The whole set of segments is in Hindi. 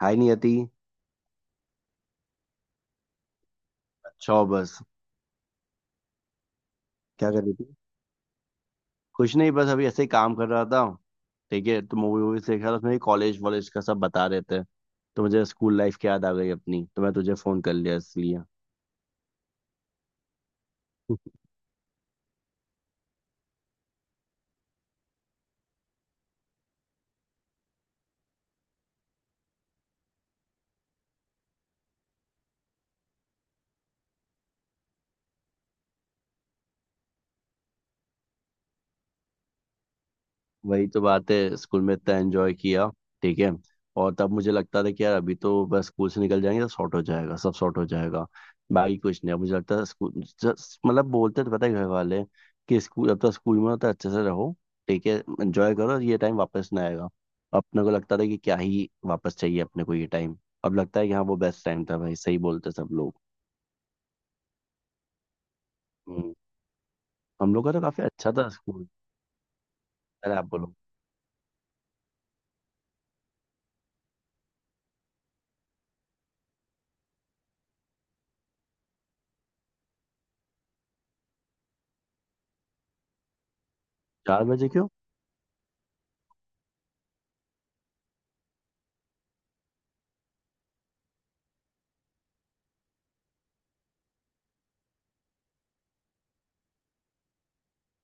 हाय नियति। अच्छा हो बस। क्या कर रही थी। कुछ नहीं बस अभी ऐसे ही काम कर रहा था। ठीक है। तो मूवी वूवी देख रहा था उसमें कॉलेज वॉलेज का सब बता रहे थे। तो मुझे स्कूल लाइफ की याद आ गई अपनी तो मैं तुझे फोन कर लिया इसलिए। वही तो बात है स्कूल में इतना एंजॉय किया। ठीक है। और तब मुझे लगता था कि यार अभी तो बस स्कूल से निकल जाएंगे तो सॉर्ट हो जाएगा सब सॉर्ट हो जाएगा। बाकी कुछ नहीं। अब मुझे लगता था स्कूल मतलब बोलते तो पता है घर वाले कि स्कूल जब तक स्कूल में हो तो अच्छे से रहो। ठीक है। एंजॉय करो ये टाइम वापस ना आएगा। अपने को लगता था कि क्या ही वापस चाहिए अपने को ये टाइम। अब लगता है कि हाँ वो बेस्ट टाइम था भाई सही बोलते सब लोग। हम्म। हम लोग का तो काफी अच्छा था स्कूल। अरे आप बोलो। चार बजे क्यों।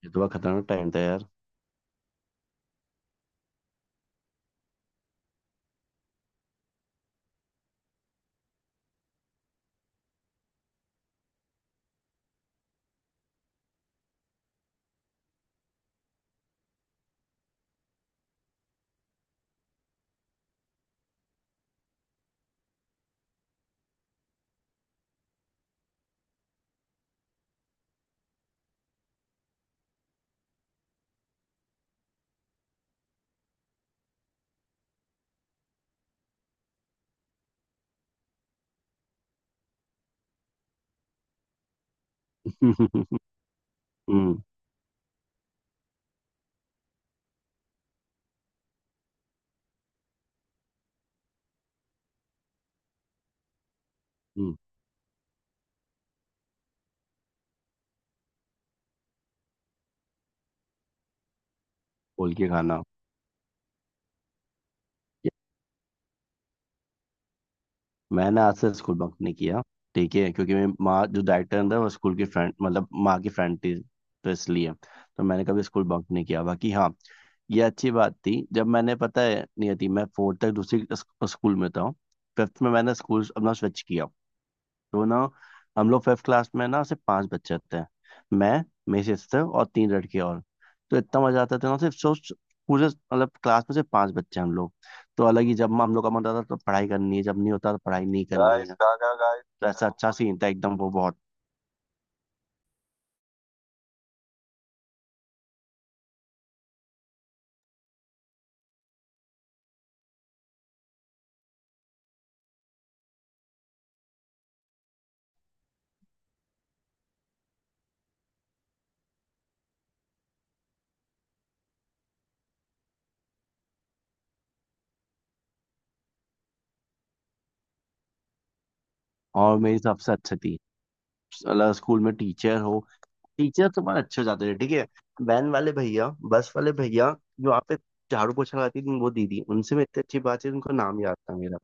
ये तो बड़ा खतरनाक टाइम था यार। हम्म। हम्म। खोल के खाना। मैंने आज से स्कूल बंक नहीं किया। ठीक है क्योंकि मेरी माँ जो डायरेक्टर अंदर वो स्कूल की फ्रेंड मतलब माँ की फ्रेंड थी। तो इसलिए। तो मैंने कभी स्कूल बंक नहीं किया बाकी हाँ। ये अच्छी बात थी जब मैंने पता है नहीं थी मैं फोर्थ तक दूसरी स्कूल में था। फिफ्थ में मैंने स्कूल अपना स्विच किया। तो ना हम लोग फिफ्थ क्लास में ना सिर्फ पांच बच्चे थे। मैं मेरी सिस्टर और तीन लड़के और। तो इतना मजा आता था ना सिर्फ सोच। पूरे मतलब क्लास में सिर्फ पांच बच्चे हैं हम लोग। तो अलग ही जब हम लोग का मन होता था तो पढ़ाई करनी है जब नहीं होता तो पढ़ाई नहीं करनी गाइस है गागा गाइस तो ऐसा अच्छा सीन था एकदम वो बहुत। और मेरी सबसे अच्छी थी। मतलब स्कूल में टीचर हो टीचर तो बहुत अच्छे हो जाते थे। ठीक है। वैन वाले भैया बस वाले भैया जो आप पे झाड़ू पोछा लगाती थी वो दीदी उनसे मैं इतनी अच्छी बात है उनका नाम याद था मेरा।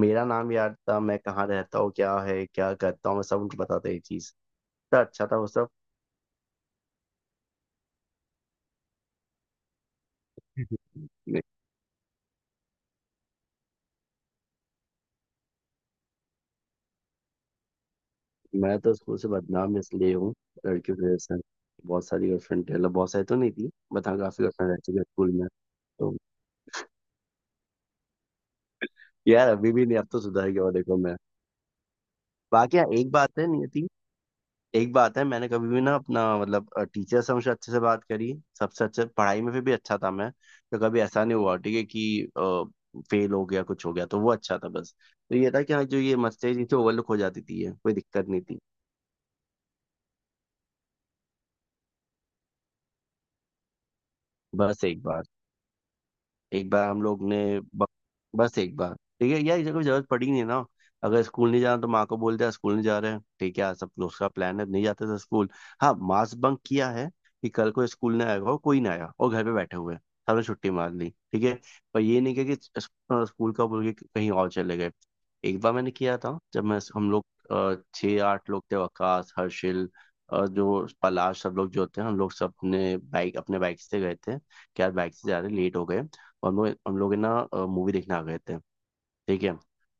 मेरा नाम याद था मैं कहाँ रहता हूँ क्या है क्या करता हूँ मैं सब उनको बताता ये चीज़। इतना अच्छा था वो सब। मैं मैं तो स्कूल से बदनाम इसलिए हूँ। लड़कियों की वजह से। बहुत सारी गर्लफ्रेंड मतलब बहुत सारी तो नहीं थी बट हाँ काफी गर्लफ्रेंड रह चुकी है स्कूल में। तो यार अभी भी नहीं। अब तो सुधर गया हूँ, देखो मैं। बाकी हाँ, एक बात है नियति। एक बात है मैंने कभी भी ना अपना मतलब टीचर से हमेशा अच्छे से बात करी। सबसे अच्छे पढ़ाई में फिर भी अच्छा था मैं। तो कभी ऐसा नहीं हुआ ठीक है कि फेल हो गया कुछ हो गया तो वो अच्छा था बस। तो ये था कि हाँ जो ये मस्ती थी तो ओवरलुक हो जाती थी ये कोई दिक्कत नहीं थी। बस एक बात। एक बार हम लोग ने बस एक बार। ठीक है यार इसे कोई जरूरत पड़ी नहीं है ना। अगर स्कूल नहीं जाना तो माँ को बोलते हैं स्कूल नहीं जा रहे हैं ठीक है आज सब दोस्त का प्लान है नहीं जाते थे स्कूल। हाँ मास बंक किया है कि कल को स्कूल नहीं आएगा और कोई नहीं आया और घर पे बैठे हुए हैं। सबने छुट्टी मार ली। ठीक है। पर ये नहीं किया कि स्कूल का बोल के कहीं और चले गए। एक बार मैंने किया था जब मैं हम लोग छः आठ लोग थे वकास हर्षिल और जो पलाश सब लोग जो थे हम लोग सब अपने बाइक से गए थे। क्या बाइक से जा रहे लेट हो गए। और हम लोग है ना मूवी देखने आ गए थे। ठीक है।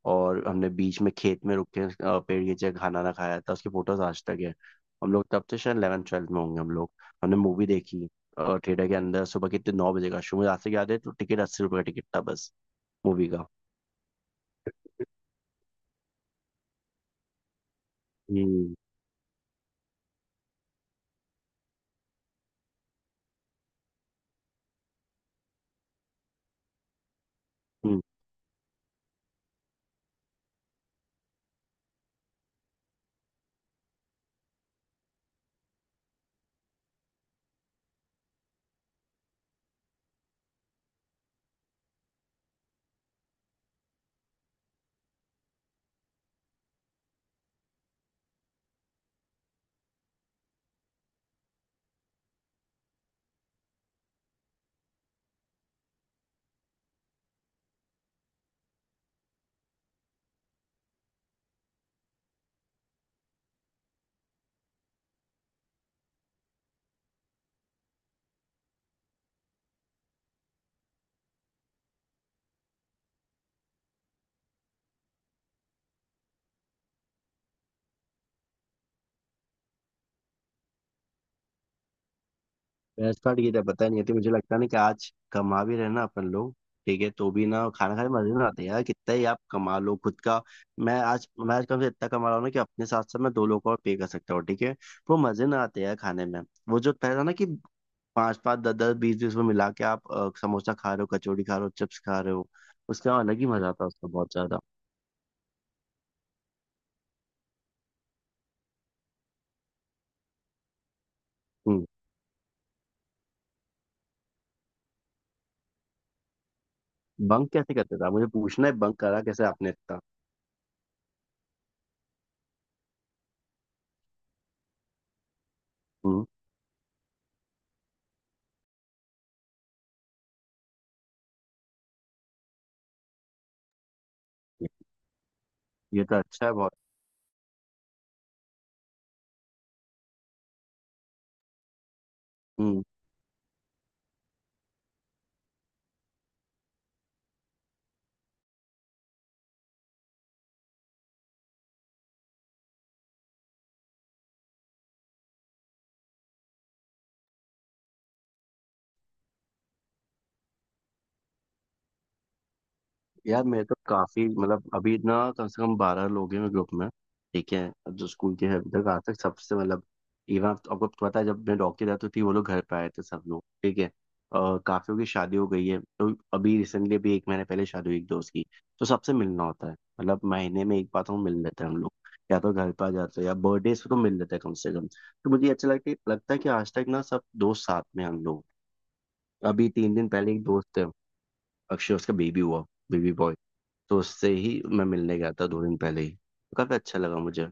और हमने बीच में खेत में रुक के पेड़ के नीचे खाना ना खाया था उसकी फोटोज आज तक है। हम लोग तब से शायद 11 ट्वेल्थ में होंगे हम लोग। हमने मूवी देखी। थिएटर के अंदर सुबह कितने 9 बजे का शो मुझे आज तक याद है तो टिकट 80 रुपये का टिकट था बस। मूवी का। हम्म। भैंस फाड़ की तो पता नहीं होती मुझे लगता नहीं कि आज कमा भी रहे ना अपन लोग। ठीक है तो भी ना खाना खाने में मजे ना आते हैं यार कितना ही आप कमा लो खुद का। मैं आज कम से इतना कमा रहा हूँ ना कि अपने साथ साथ मैं 2 लोगों को और पे कर सकता हूँ। ठीक है। वो मजे ना आते हैं यार खाने में। वो जो पहला ना कि पाँच पाँच दस दस बीस बीस में मिला के आप समोसा खा रहे हो कचौड़ी खा रहे हो चिप्स खा रहे हो। उसका अलग ही मजा आता है उसका बहुत ज्यादा। हम्म। बंक कैसे करते थे आप? मुझे पूछना है बंक करा कैसे आपने इतना। हम्म। ये तो अच्छा है बहुत। हम्म। यार मेरे तो काफी मतलब अभी इतना कम से कम 12 लोग हैं मेरे ग्रुप में। ठीक है। अब जो स्कूल के हैं अभी तक आज तक सबसे मतलब इवन आपको तो पता है जब मैं डॉक्टर जाती थी वो लोग घर पे आए थे सब लोग। ठीक है। और काफियों की शादी हो गई है तो अभी रिसेंटली अभी एक महीने पहले शादी हुई एक दोस्त की। तो सबसे मिलना होता है मतलब महीने में एक बार तो हम मिल लेते हैं हम लोग। या तो घर पे आ जाते हैं या बर्थडे पे तो मिल लेते हैं कम से कम तो मुझे अच्छा लगता है कि आज तक ना सब दोस्त साथ में हैं हम लोग। अभी 3 दिन पहले एक दोस्त है अक्षय उसका बेबी हुआ। Baby boy. तो उससे ही मैं मिलने गया था 2 दिन पहले ही तो काफी अच्छा लगा मुझे।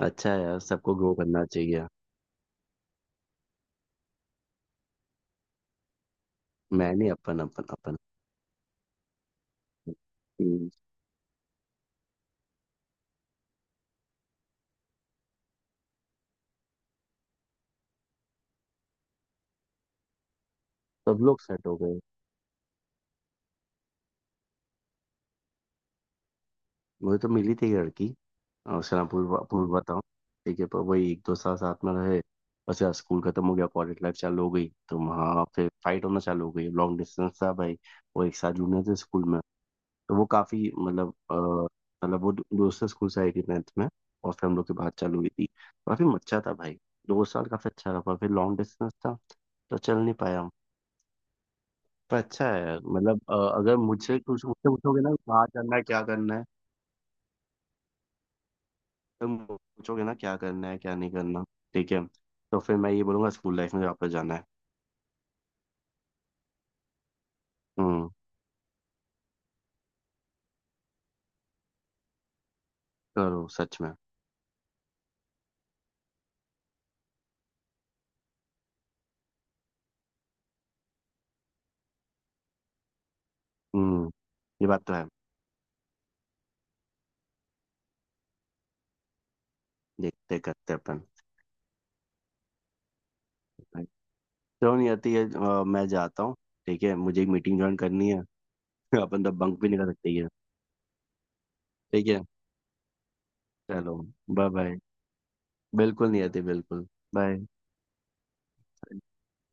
अच्छा है यार सबको ग्रो करना चाहिए। मैं नहीं अपन अपन अपन। हम्म। सब लोग सेट हो गए। मुझे तो मिली थी एक लड़की उसका नाम पूर्वा पूर्वा था। ठीक है पर वही एक दो साल साथ में रहे। बस यार स्कूल खत्म हो गया कॉलेज लाइफ चालू हो गई तो वहाँ फिर फाइट होना चालू हो गई लॉन्ग डिस्टेंस था भाई। वो एक साथ जूनियर थे स्कूल में। तो वो काफी मतलब मतलब वो दूसरे स्कूल से आई थी 9th में। और फिर हम लोग की बात चालू हुई थी। काफी अच्छा था भाई। दो साल काफी अच्छा रहा पर फिर लॉन्ग डिस्टेंस था। तो चल नहीं पाया हम। पर अच्छा है मतलब अगर मुझसे कुछ मुझसे पूछोगे ना कहाँ करना है क्या करना है। तो मुझे पूछोगे ना क्या करना है क्या नहीं करना। ठीक है। तो फिर मैं ये बोलूंगा स्कूल लाइफ में वापस जाना है। हम्म। करो सच में। हम्म। ये बात तो है। देखते करते अपन। चलो नहीं आती है मैं जाता हूँ। ठीक है मुझे एक मीटिंग ज्वाइन करनी है। आप अंदर बंक भी नहीं कर सकते ये। ठीक है। चलो। Bye bye. बिल्कुल नहीं आती बिल्कुल। Bye.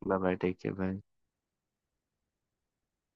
Bye bye take care bye.